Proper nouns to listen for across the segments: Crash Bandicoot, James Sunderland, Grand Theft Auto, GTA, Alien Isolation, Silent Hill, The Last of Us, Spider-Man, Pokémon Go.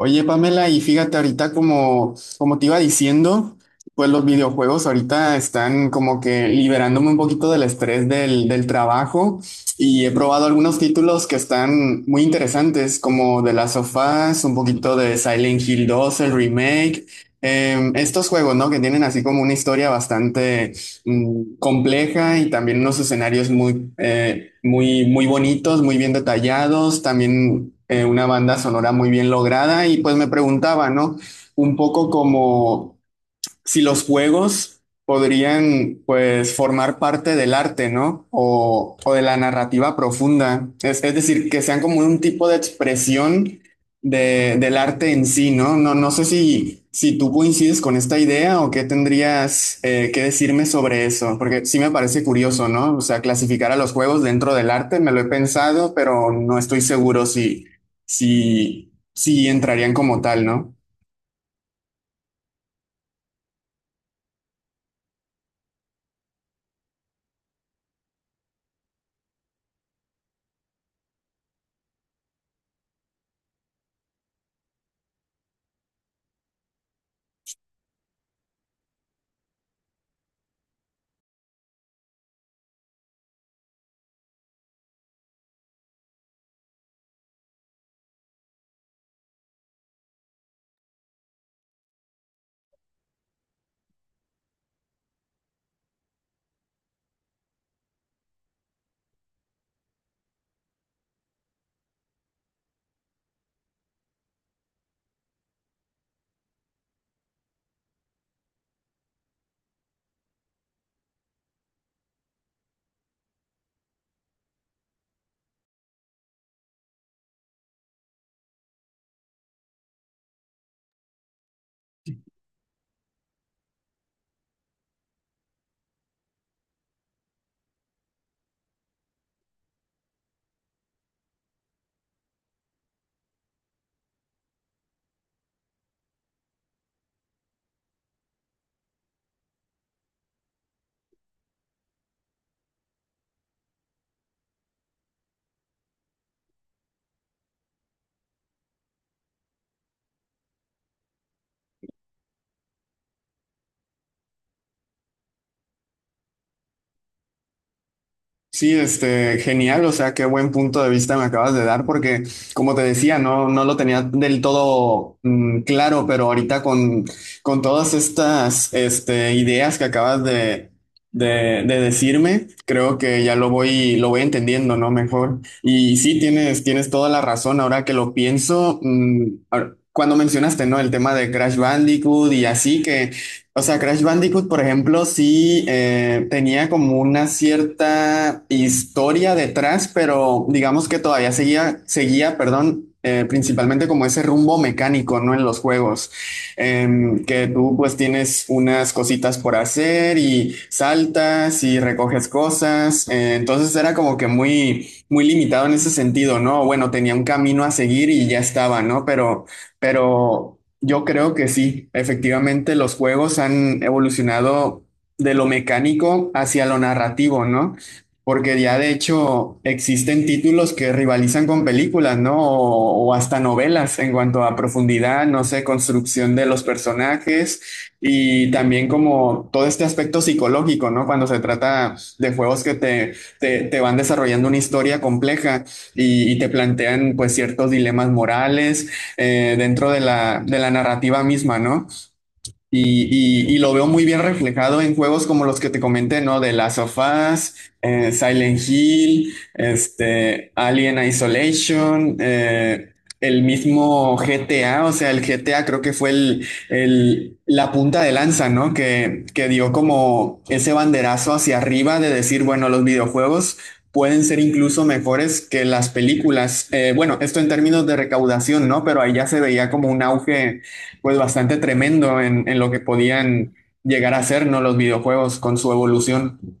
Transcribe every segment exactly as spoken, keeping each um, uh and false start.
Oye, Pamela, y fíjate ahorita como, como te iba diciendo, pues los videojuegos ahorita están como que liberándome un poquito del estrés del, del trabajo y he probado algunos títulos que están muy interesantes, como The Last of Us, un poquito de Silent Hill dos el remake, em, estos juegos, ¿no? Que tienen así como una historia bastante mm, compleja y también unos escenarios muy, eh, muy, muy bonitos, muy bien detallados, también eh, una banda sonora muy bien lograda y pues me preguntaba, ¿no? Un poco como si los juegos podrían, pues, formar parte del arte, ¿no? O, o de la narrativa profunda. Es, es decir, que sean como un tipo de expresión de, del arte en sí, ¿no? No, no sé si, si tú coincides con esta idea o qué tendrías eh, que decirme sobre eso, porque sí me parece curioso, ¿no? O sea, clasificar a los juegos dentro del arte, me lo he pensado, pero no estoy seguro si, si, si entrarían como tal, ¿no? Sí, este, genial, o sea, qué buen punto de vista me acabas de dar, porque como te decía, no, no lo tenía del todo mm, claro, pero ahorita con, con todas estas, este, ideas que acabas de, de, de decirme, creo que ya lo voy, lo voy entendiendo, ¿no? Mejor. Y sí, tienes, tienes toda la razón, ahora que lo pienso, mm, ahora- cuando mencionaste, ¿no? El tema de Crash Bandicoot y así, que o sea, Crash Bandicoot, por ejemplo, sí eh, tenía como una cierta historia detrás, pero digamos que todavía seguía, seguía, perdón, eh, principalmente como ese rumbo mecánico, ¿no? En los juegos. Em, que tú pues tienes unas cositas por hacer y saltas y recoges cosas, eh, entonces era como que muy, muy limitado en ese sentido, ¿no? Bueno, tenía un camino a seguir y ya estaba, ¿no? Pero... Pero yo creo que sí, efectivamente los juegos han evolucionado de lo mecánico hacia lo narrativo, ¿no? Porque ya de hecho existen títulos que rivalizan con películas, ¿no? O, o hasta novelas en cuanto a profundidad, no sé, construcción de los personajes y también como todo este aspecto psicológico, ¿no? Cuando se trata de juegos que te, te, te van desarrollando una historia compleja y, y te plantean pues ciertos dilemas morales eh, dentro de la, de la narrativa misma, ¿no? Y, y- y lo veo muy bien reflejado en juegos como los que te comenté, ¿no? De Last of Us, eh, Silent Hill, este, Alien Isolation, eh, el mismo G T A, o sea, el G T A creo que fue el, el- la punta de lanza, ¿no? Que, que dio como ese banderazo hacia arriba de decir, bueno, los videojuegos pueden ser incluso mejores que las películas. Eh, bueno, esto en términos de recaudación, ¿no? Pero ahí ya se veía como un auge pues bastante tremendo en, en lo que podían llegar a ser, ¿no? Los videojuegos con su evolución.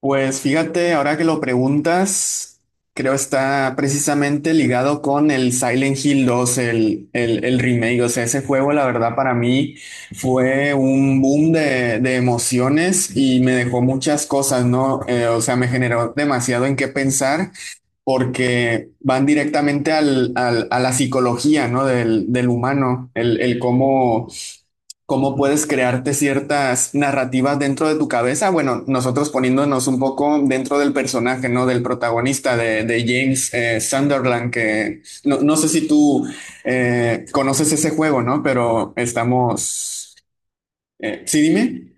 Pues fíjate, ahora que lo preguntas, creo está precisamente ligado con el Silent Hill dos el, el, el remake. O sea, ese juego, la verdad, para mí fue un boom de, de emociones y me dejó muchas cosas, ¿no? Eh, o sea, me generó demasiado en qué pensar porque van directamente al, al- a la psicología, ¿no? Del, del humano, el, el cómo cómo puedes crearte ciertas narrativas dentro de tu cabeza. Bueno, nosotros poniéndonos un poco dentro del personaje, ¿no? Del protagonista de, de James eh, Sunderland, que no, no sé si tú eh, conoces ese juego, ¿no? Pero estamos... eh, sí, dime.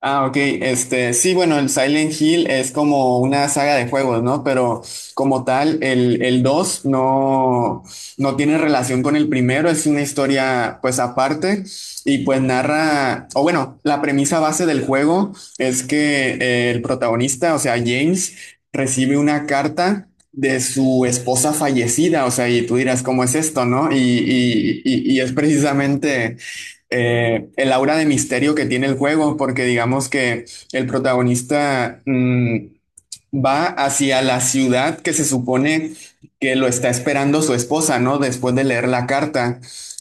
Ah, ok. Este, sí, bueno, el Silent Hill es como una saga de juegos, ¿no? Pero como tal, el, el dos no, no tiene relación con el primero, es una historia pues aparte y pues narra, o bueno, la premisa base del juego es que eh, el protagonista, o sea, James, recibe una carta de su esposa fallecida, o sea, y tú dirás, ¿cómo es esto, no? Y, y, y y es precisamente eh, el aura de misterio que tiene el juego, porque digamos que el protagonista mm, va hacia la ciudad que se supone que lo está esperando su esposa, ¿no? Después de leer la carta.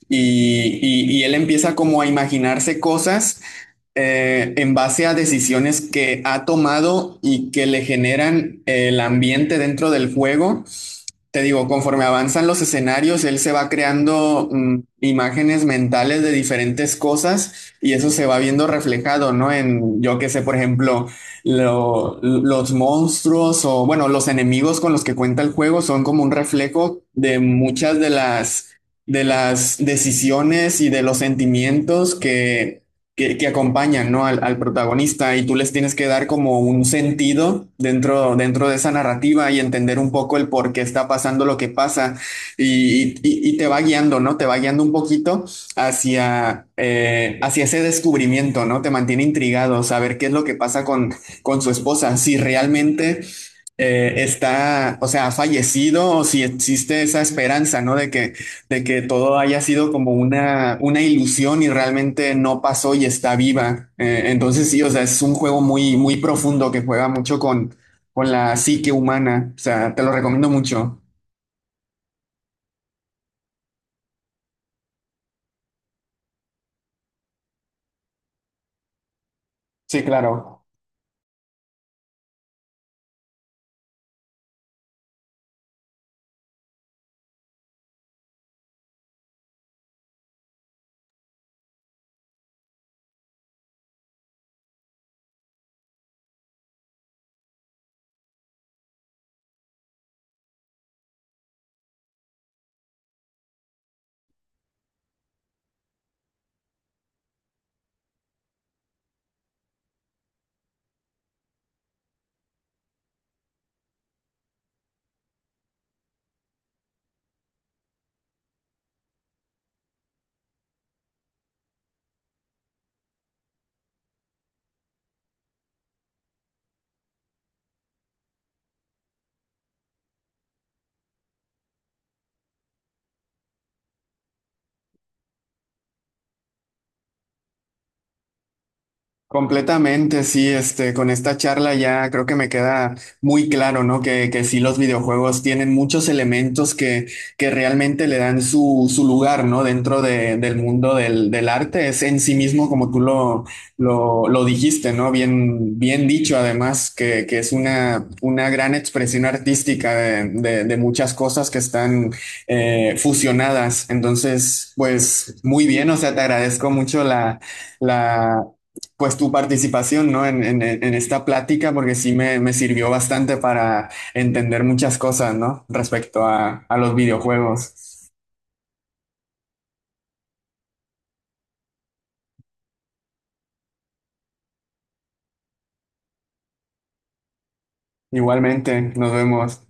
Y, y- y él empieza como a imaginarse cosas eh, en base a decisiones que ha tomado y que le generan el ambiente dentro del juego te digo, conforme avanzan los escenarios, él se va creando mm, imágenes mentales de diferentes cosas y eso se va viendo reflejado, ¿no? En, yo qué sé, por ejemplo, lo- los monstruos o, bueno, los enemigos con los que cuenta el juego son como un reflejo de muchas de las, de las decisiones y de los sentimientos que que, que acompañan, ¿no? al, al protagonista y tú les tienes que dar como un sentido dentro, dentro de esa narrativa y entender un poco el por qué está pasando lo que pasa y, y- y te va guiando, ¿no? Te va guiando un poquito hacia, eh, hacia ese descubrimiento, ¿no? Te mantiene intrigado, saber qué es lo que pasa con, con su esposa, si realmente... eh, está, o sea, ha fallecido o si existe esa esperanza, ¿no? De que, de que todo haya sido como una, una ilusión y realmente no pasó y está viva. Eh, entonces sí, o sea, es un juego muy, muy profundo que juega mucho con, con la psique humana. O sea, te lo recomiendo mucho. Sí, claro. Completamente, sí, este, con esta charla ya creo que me queda muy claro, ¿no? Que, que sí, los videojuegos tienen muchos elementos que, que realmente le dan su, su lugar, ¿no? Dentro de- del mundo del, del arte. Es en sí mismo, como tú lo, lo, lo dijiste, ¿no? Bien, bien dicho, además, que, que es una, una gran expresión artística de, de- de muchas cosas que están eh, fusionadas. Entonces, pues muy bien, o sea, te agradezco mucho la pues tu participación, ¿no? En, en- en esta plática, porque sí me, me sirvió bastante para entender muchas cosas, ¿no? Respecto a, a los videojuegos. Igualmente, nos vemos.